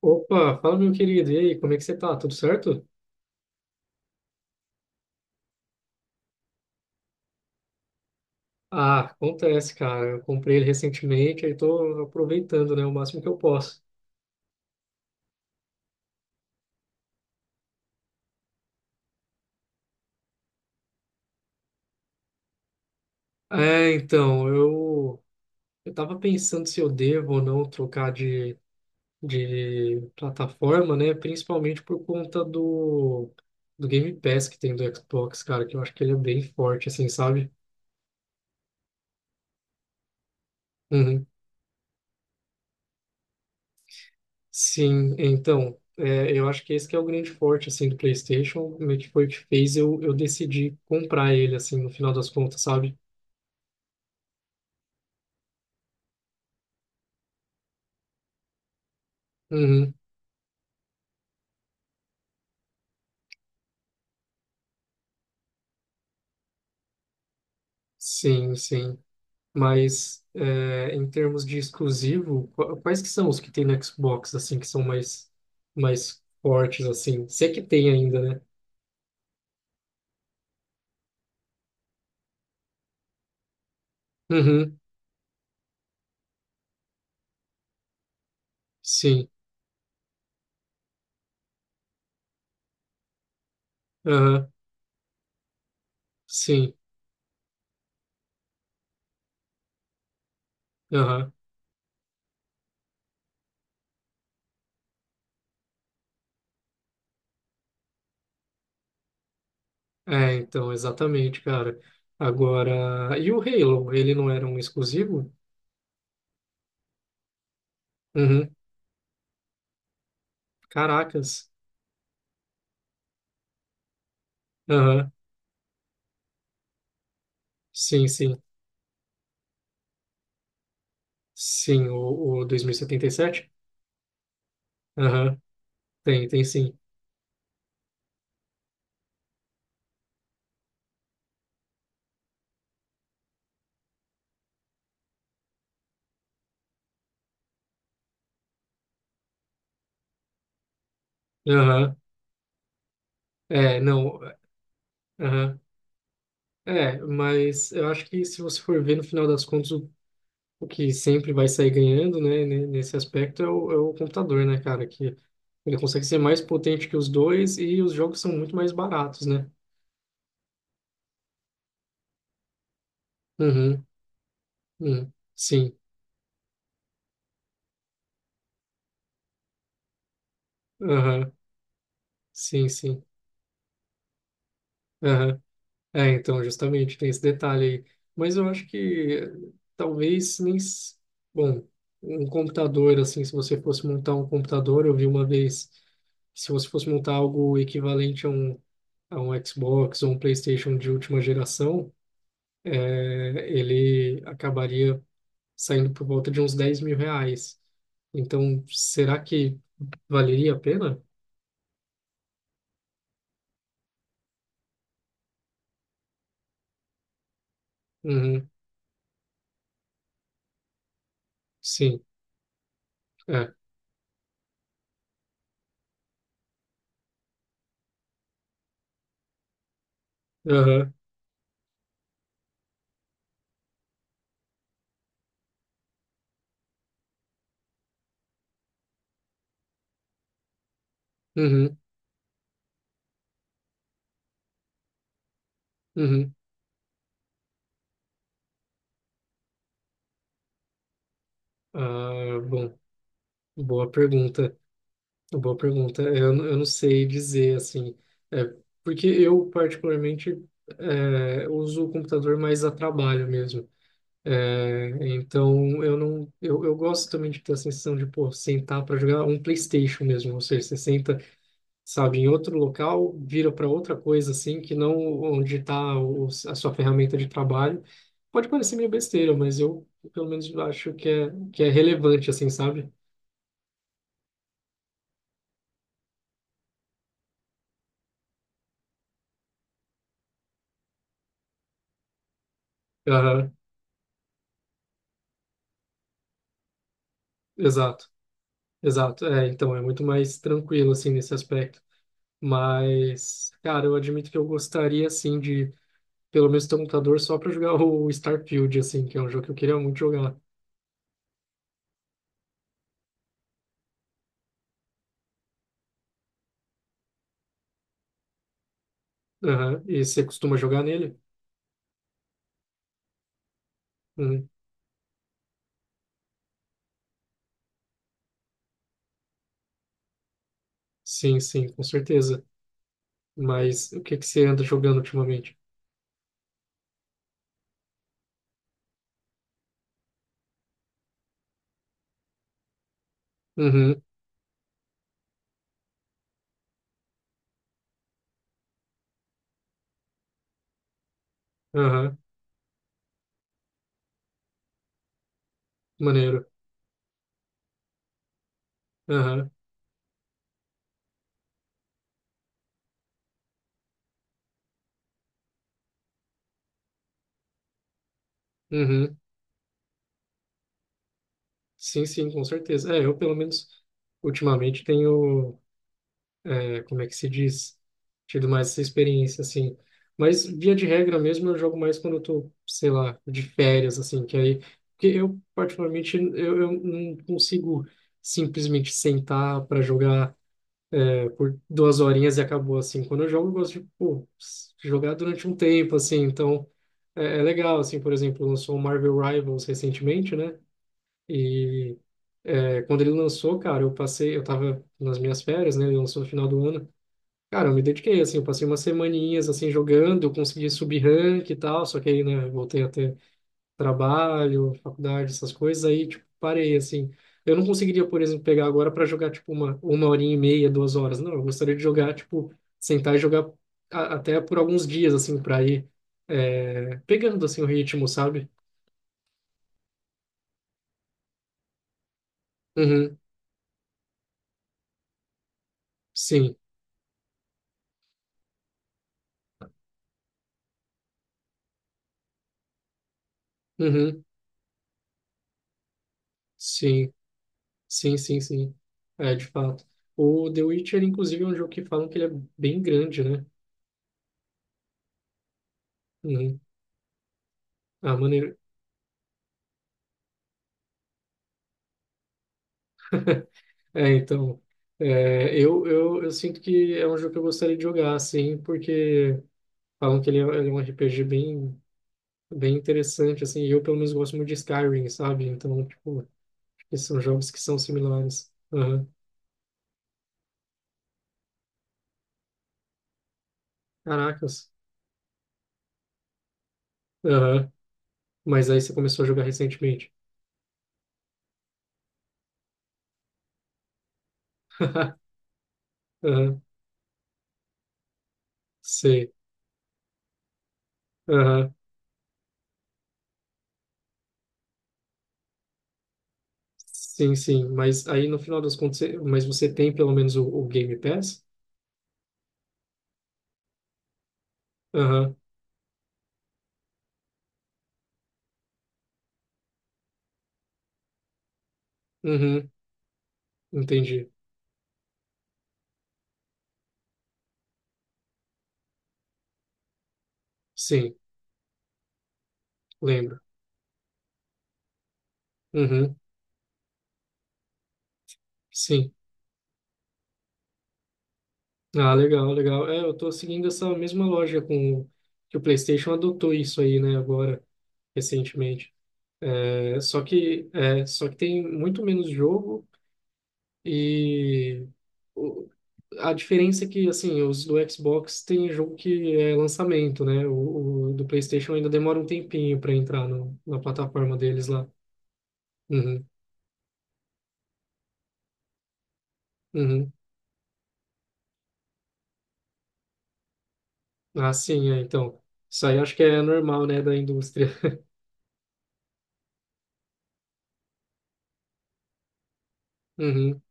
Opa, fala meu querido, e aí, como é que você tá? Tudo certo? Ah, acontece, cara. Eu comprei ele recentemente, aí tô aproveitando, né, o máximo que eu posso. É, então, eu tava pensando se eu devo ou não trocar de plataforma, né, principalmente por conta do Game Pass que tem do Xbox, cara, que eu acho que ele é bem forte assim, sabe? Uhum. Sim, então, é, eu acho que esse que é o grande forte, assim, do PlayStation, meio que foi o que fez eu decidir comprar ele, assim, no final das contas, sabe? Uhum, sim, sim. Mas, é, em termos de exclusivo, quais que são os que tem no Xbox, assim, que são mais fortes, assim? Se é que tem ainda, né? Uhum, sim, aham, sim, aham. É, então, exatamente, cara. Agora, e o Halo, ele não era um exclusivo? Uhum. Caracas. Aham. Sim, sim. Sim, o 2077? Aham. Tem, tem sim. Aham. É, não. Aham. É, mas eu acho que se você for ver no final das contas, o que sempre vai sair ganhando, né, nesse aspecto é é o computador, né, cara? Que ele consegue ser mais potente que os dois e os jogos são muito mais baratos, né? Uhum. Uhum. Sim. Aham. Sim, sim. Aham. É, então, justamente, tem esse detalhe aí. Mas eu acho que eh, talvez nem. S- Bom, um computador, assim, se você fosse montar um computador, eu vi uma vez, se você fosse montar algo equivalente a a um Xbox ou um PlayStation de última geração, ele acabaria saindo por volta de uns 10 mil reais. Então, será que valeria a pena? Uhum, sim, é. Aham, uhum, uhum. Ah, bom. Boa pergunta, boa pergunta. É, eu não sei dizer assim, é, porque eu particularmente uso o computador mais a trabalho mesmo. É, então eu não, eu gosto também de ter a sensação de pô, sentar para jogar um PlayStation mesmo, ou seja, você senta, sabe, em outro local, vira para outra coisa assim, que não onde está a sua ferramenta de trabalho. Pode parecer meio besteira, mas eu pelo menos acho que é relevante assim, sabe? Aham, exato. Exato, é, então é muito mais tranquilo assim nesse aspecto. Mas, cara, eu admito que eu gostaria assim de pelo menos ter um computador só para jogar o Starfield assim, que é um jogo que eu queria muito jogar. Aham, e você costuma jogar nele? Uhum. Sim, sim, com certeza. Mas o que que você anda jogando ultimamente? Uhum. Aham. Maneiro. Aham. Uhum. Sim, sim, com certeza. É, eu pelo menos ultimamente tenho como é que se diz? Tido mais essa experiência, assim. Mas, via de regra mesmo, eu jogo mais quando eu tô, sei lá, de férias, assim, que aí... Porque eu, particularmente, eu não consigo simplesmente sentar para jogar por duas horinhas e acabou, assim. Quando eu jogo, eu gosto de, pô, jogar durante um tempo, assim, então... É, é legal, assim, por exemplo, lançou o Marvel Rivals recentemente, né? E... É, quando ele lançou, cara, eu passei, eu tava nas minhas férias, né? Ele lançou no final do ano. Cara, eu me dediquei, assim, eu passei umas semaninhas, assim, jogando, eu consegui subir rank e tal, só que aí, né, voltei a ter trabalho, faculdade, essas coisas, aí, tipo, parei, assim. Eu não conseguiria, por exemplo, pegar agora para jogar, tipo, uma horinha e meia, duas horas, não, eu gostaria de jogar, tipo, sentar e jogar até por alguns dias, assim, para ir pegando, assim, o ritmo, sabe? Uhum, sim, uhum, sim, sim, sim, sim, é, de fato. O The Witcher, inclusive, é um jogo que falam que ele é bem grande, né? Uhum. Ah, maneiro. É, então, é, eu sinto que é um jogo que eu gostaria de jogar, assim, porque falam que ele é um RPG bem interessante, assim, e eu pelo menos gosto muito de Skyrim, sabe? Então, tipo, esses são jogos que são similares. Aham. Caracas. Aham. Mas aí você começou a jogar recentemente. Aham. Sei. Aham. Sim, sim. Mas aí no final das contas, você- mas você tem pelo menos o Game Pass? Aham. Uhum. Entendi. Sim, lembro. Uhum. Sim. Ah, legal, legal. É, eu tô seguindo essa mesma loja com que o PlayStation adotou isso aí, né, agora, recentemente. É, só que tem muito menos jogo e o- a diferença é que assim, os do Xbox tem jogo que é lançamento, né? O do PlayStation ainda demora um tempinho para entrar no, na plataforma deles lá. Uhum, uhum. Ah, sim, é, então. Isso aí acho que é normal, né, da indústria.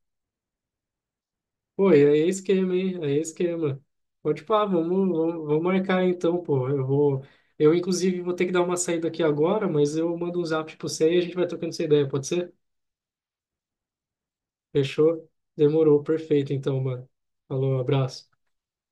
Pô, e aí é esquema, hein? Aí é esquema. Pô, tipo, ah, vamos marcar então, pô. Eu vou. Eu, inclusive, vou ter que dar uma saída aqui agora, mas eu mando um zap pra você e a gente vai trocando essa ideia, pode ser? Fechou? Demorou, perfeito então, mano. Falou, abraço.